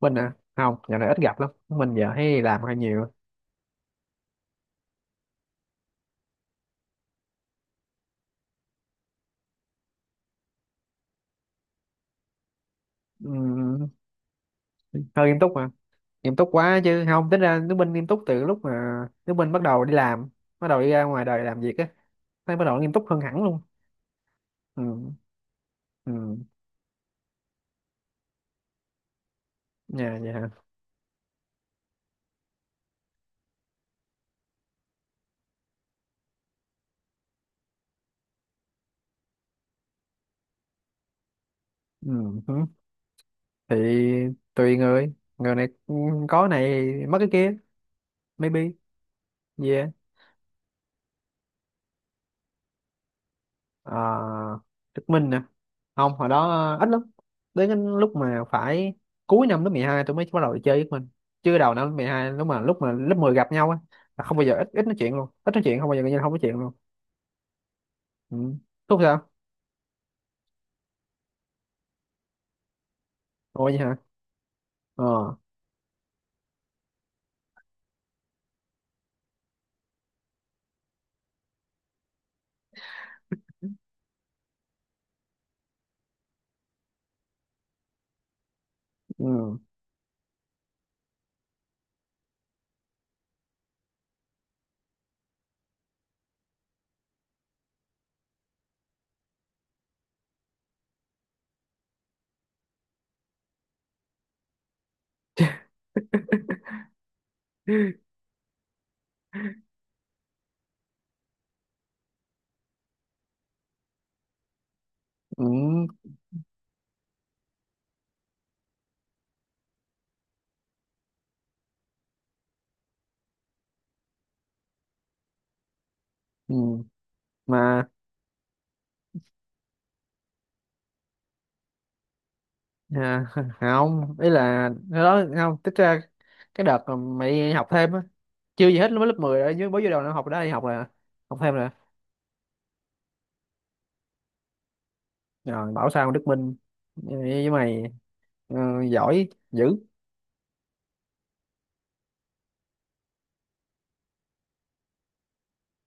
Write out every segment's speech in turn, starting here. Mình à, không dạo này ít gặp lắm. Mình giờ hay làm hơi nhiều. Ừm, Hơi nghiêm túc mà nghiêm túc quá. Chứ không tính ra nước Minh nghiêm túc từ lúc mà nước Minh bắt đầu đi làm, bắt đầu đi ra ngoài đời làm việc á, thấy bắt đầu nghiêm túc hơn hẳn luôn. Ừ, ừ. Nhà vậy hả? Ừ hứ. Thì tùy người. Có này mất cái kia. Maybe. Yeah. à, Đức Minh nè, không, hồi đó ít lắm. Đến cái lúc mà phải cuối năm lớp 12 tôi mới bắt đầu chơi với mình, chứ đầu năm lớp 12, lúc mà lớp 10 gặp nhau á là không bao giờ, ít ít nói chuyện luôn, ít nói chuyện, không bao giờ, coi như là không nói chuyện luôn. Ừ. Thúc sao? Ôi vậy hả? Ờ. Ừ. Ừ. Ừ. Mà à, không, ý là cái đó không tức ra. Cái đợt mà mày đi học thêm á, chưa gì hết lúc lớp 10 rồi, chứ mới vô đầu năm học đó đi học là học thêm rồi. Rồi bảo sao Đức Minh với mày ờ, giỏi dữ.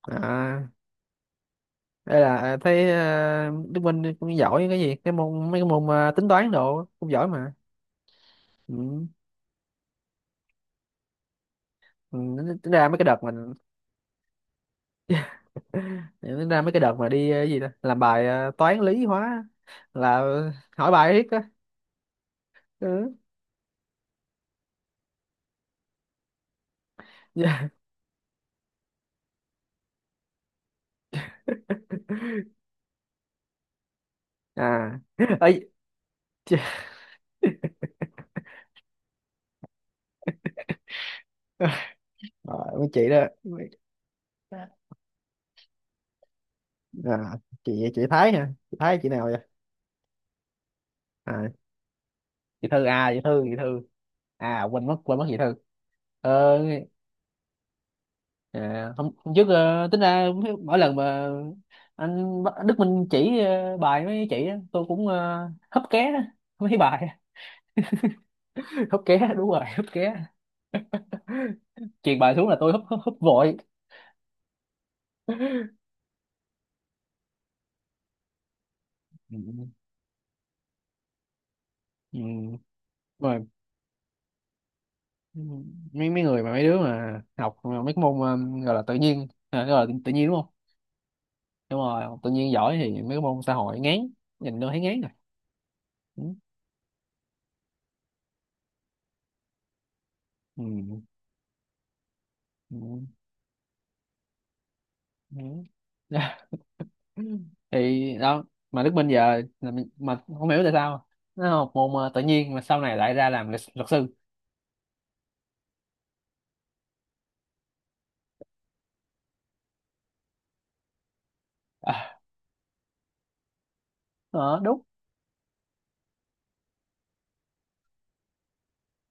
À, đây là thấy Đức Minh cũng giỏi cái gì, cái môn, mấy cái môn tính toán đồ cũng giỏi mà. Ừ. Ừ, tính tính ra mấy cái đợt mình, tính ra mấy cái đợt mà đi cái gì đó, làm bài toán lý hóa là hỏi bài riết á. Ừ. Dạ. À. Ấy. Chị. Ờ, mấy chị đó. À, chị Thái hả? Chị Thái chị nào vậy? À, chị Thư à? Chị Thư, chị Thư. À quên mất, quên mất chị Thư. Ờ. À, hôm, hôm trước tính ra mỗi lần mà Đức Minh chỉ bài mấy chị á, tôi cũng húp ké mấy bài. Hấp ké, đúng rồi, hấp ké. Truyền bài xuống là tôi hấp hấp húp vội. Ừ. Ừ. Rồi, mấy mấy người mà mấy đứa mà học mà mấy cái môn gọi là tự nhiên gọi là tự nhiên đúng không? Đúng rồi, học tự nhiên giỏi thì mấy cái môn xã hội ngán, nhìn đâu thấy ngán rồi. Ừ. Ừ. Ừ. Ừ. Ừ. Thì đó, mà Đức Minh giờ là mà không hiểu tại sao nó học môn tự nhiên mà sau này lại ra làm luật, luật sư. À. Ờ, đúng.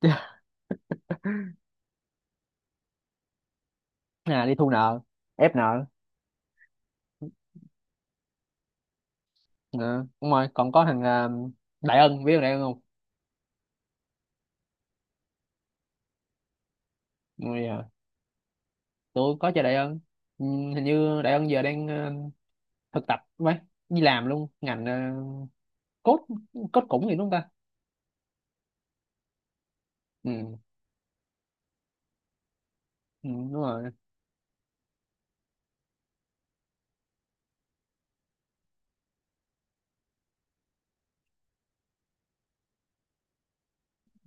À, đi thu nợ, ép nợ. Ờ, đúng rồi. Còn có thằng Đại Ân, biết thằng Đại Ân không? Ôi, ờ, tôi có chơi Đại Ân. Ừ, hình như Đại Ân giờ đang thực tập mấy, đi làm luôn ngành cốt, cốt cũng gì đúng không ta? Ừ, ừ đúng rồi.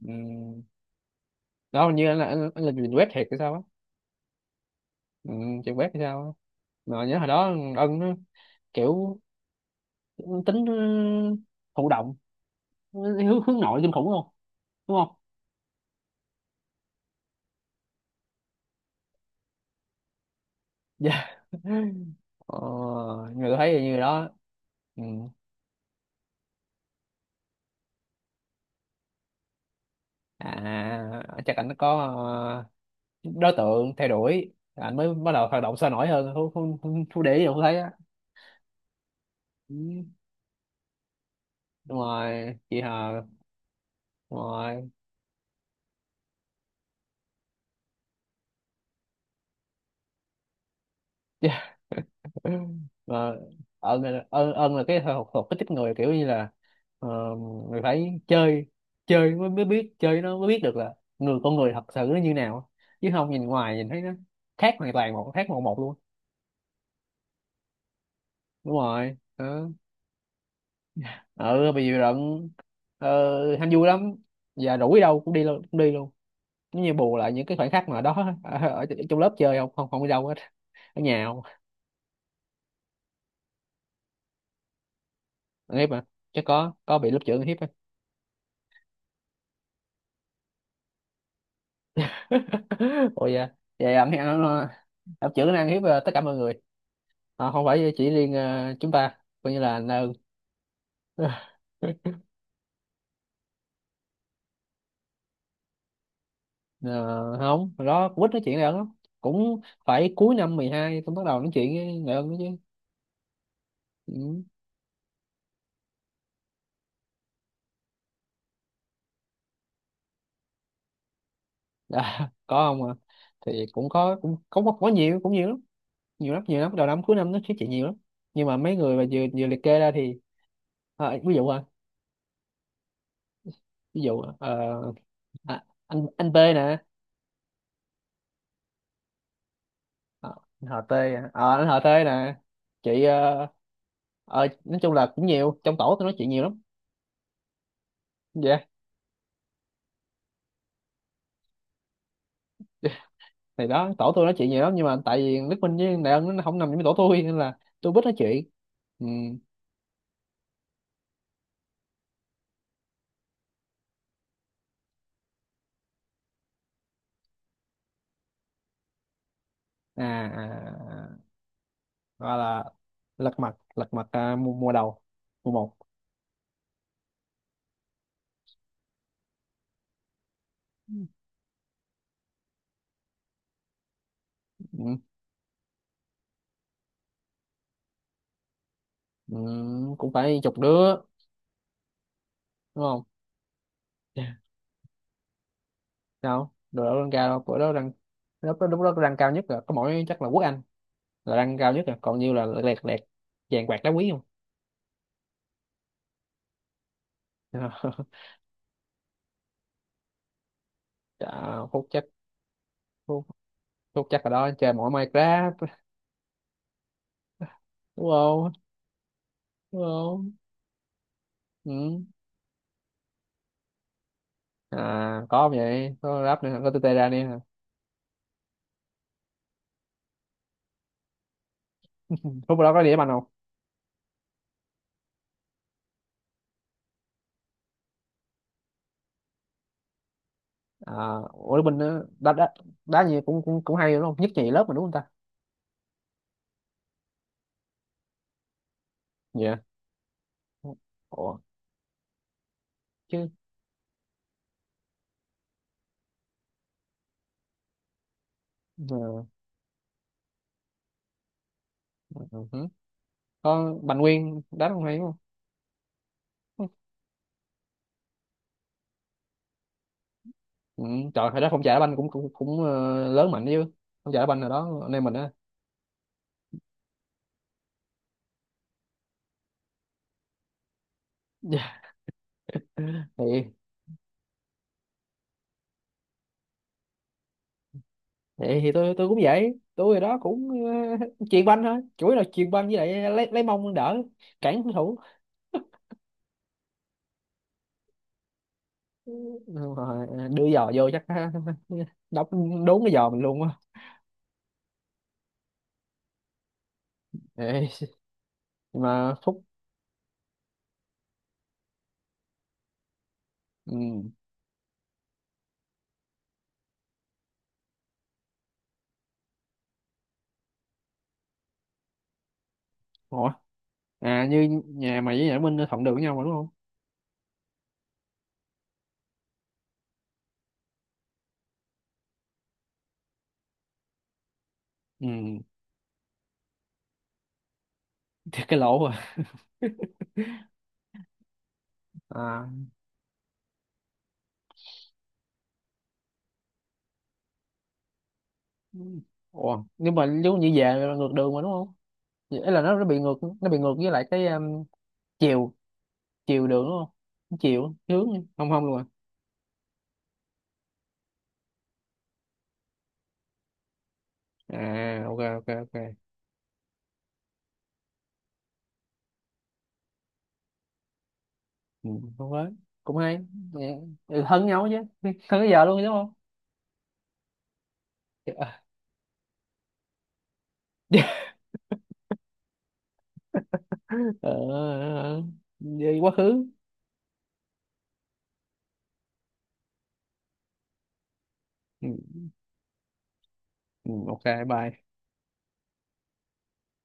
Ừ. Đó, hình như anh là làm web thiệt hay sao á. Ừ, chuyện web hay sao á. Mà nhớ hồi đó, ân nó kiểu, tính ừ, thụ động, hướng, hướng nội kinh khủng luôn, đúng không? Dạ. Ờ, nhưng thấy như đó. Ừ. À, chắc anh có ờ, đối tượng theo đuổi, anh mới bắt đầu hoạt động sôi nổi hơn. Không, không, không, không để ý đâu, không thấy á. Ừ. Đúng rồi, chị Hờ. Đúng rồi. Dạ. Và ân là, ân ân là cái học thuộc cái tiếp người, kiểu như là ờ, người phải chơi, chơi mới, mới biết chơi nó mới biết được là người, con người thật sự nó như nào, chứ không nhìn ngoài, nhìn thấy nó khác hoàn toàn, một khác một một luôn. Đúng rồi. Ừ, ừ bị dịu rận. Ờ, ham vui lắm, và rủ đi đâu cũng đi luôn, cũng đi luôn, giống như bù lại những cái khoảnh khắc mà đó. Ở trong lớp chơi, không không không đi đâu hết, ở nhà không. Ăn hiếp mà, chắc có bị lớp trưởng ăn hiếp. Ủa dạ, vậy anh ờ, anh chữ năng hiếp tất cả mọi người. Ờ, không phải chỉ riêng chúng ta, coi như là anh ơn. Ờ, không hồi đó quýt nói chuyện này lắm, cũng phải cuối năm 12 tôi bắt đầu nói chuyện với người ơn đó chứ. Ừ. À, có không, à thì cũng có, cũng có nhiều, cũng nhiều lắm, nhiều lắm nhiều lắm, đầu năm cuối năm nó nói chuyện nhiều lắm. Nhưng mà mấy người mà vừa vừa liệt kê ra thì ví dụ à, ví dụ à, anh B nè. Ờ, anh họ tê à. Ờ, anh họ tê nè. Chị ờ, nói chung là cũng nhiều, trong tổ tôi nói chuyện nhiều lắm. Dạ. Thì đó, tổ tôi nói chuyện nhiều lắm, nhưng mà tại vì Đức Minh với Đại Ân nó không nằm trong cái tổ tôi nên là tôi biết nói chuyện. Ừ. À, à, à, gọi là lật mặt, lật mặt à, mùa, mùa đầu, mùa 1. Ừ. Ừ. Cũng phải chục đứa, đúng không? Dạ. Sao đồ đó lên cao, bữa đó đang, lúc đó đang cao nhất là có mỗi chắc là Quốc Anh là đang cao nhất, rồi còn nhiêu là lẹt lẹt vàng bạc đá quý không. Chà, Phúc chắc, Phúc, Phúc chắc ở đó chơi mỗi Minecraft đúng không? Đúng không. Ừ. À có không vậy, có rap nữa, có tê tê ra đi hả? Phúc ở đó có đĩa banh không? À, ủa bên đó đá, đá đá gì cũng cũng cũng hay đúng không, nhất nhì lớp mà đúng không ta? Dạ. Ủa, chứ ờ, ừ. Hử. Có Bành Nguyên đá không, hay đúng không? Ừ, trời hồi đó phong trào đá banh cũng cũng cũng lớn mạnh chứ, phong trào đá banh hồi đó anh em mình á. Dạ. Thì, vậy thì tôi cũng vậy, tôi hồi đó cũng chuyền banh thôi, chủ yếu là chuyền banh, với lại lấy mông đỡ, cản đối thủ. Đúng rồi, đưa giò vô chắc đóng đốn cái giò mình luôn á. Ê. Nhưng mà Phúc. Ừ. Ủa? À như nhà mày với nhà Minh thuận đường với nhau mà đúng không? Ừ. Thì cái lỗ à. À. Ủa nhưng mà giống như về là ngược đường mà đúng không? Ấy là nó bị ngược, nó bị ngược với lại cái chiều, chiều đường đúng không, chiều hướng không không luôn à. À ok ok ok. Ừ, đúng đấy, cũng hay. Dạ. Ừ, thân nhau chứ, thân bây giờ luôn đúng không? Dạ. Ờ, ờ, ờ. Về quá khứ. Ừ, ừ, ok. Bye.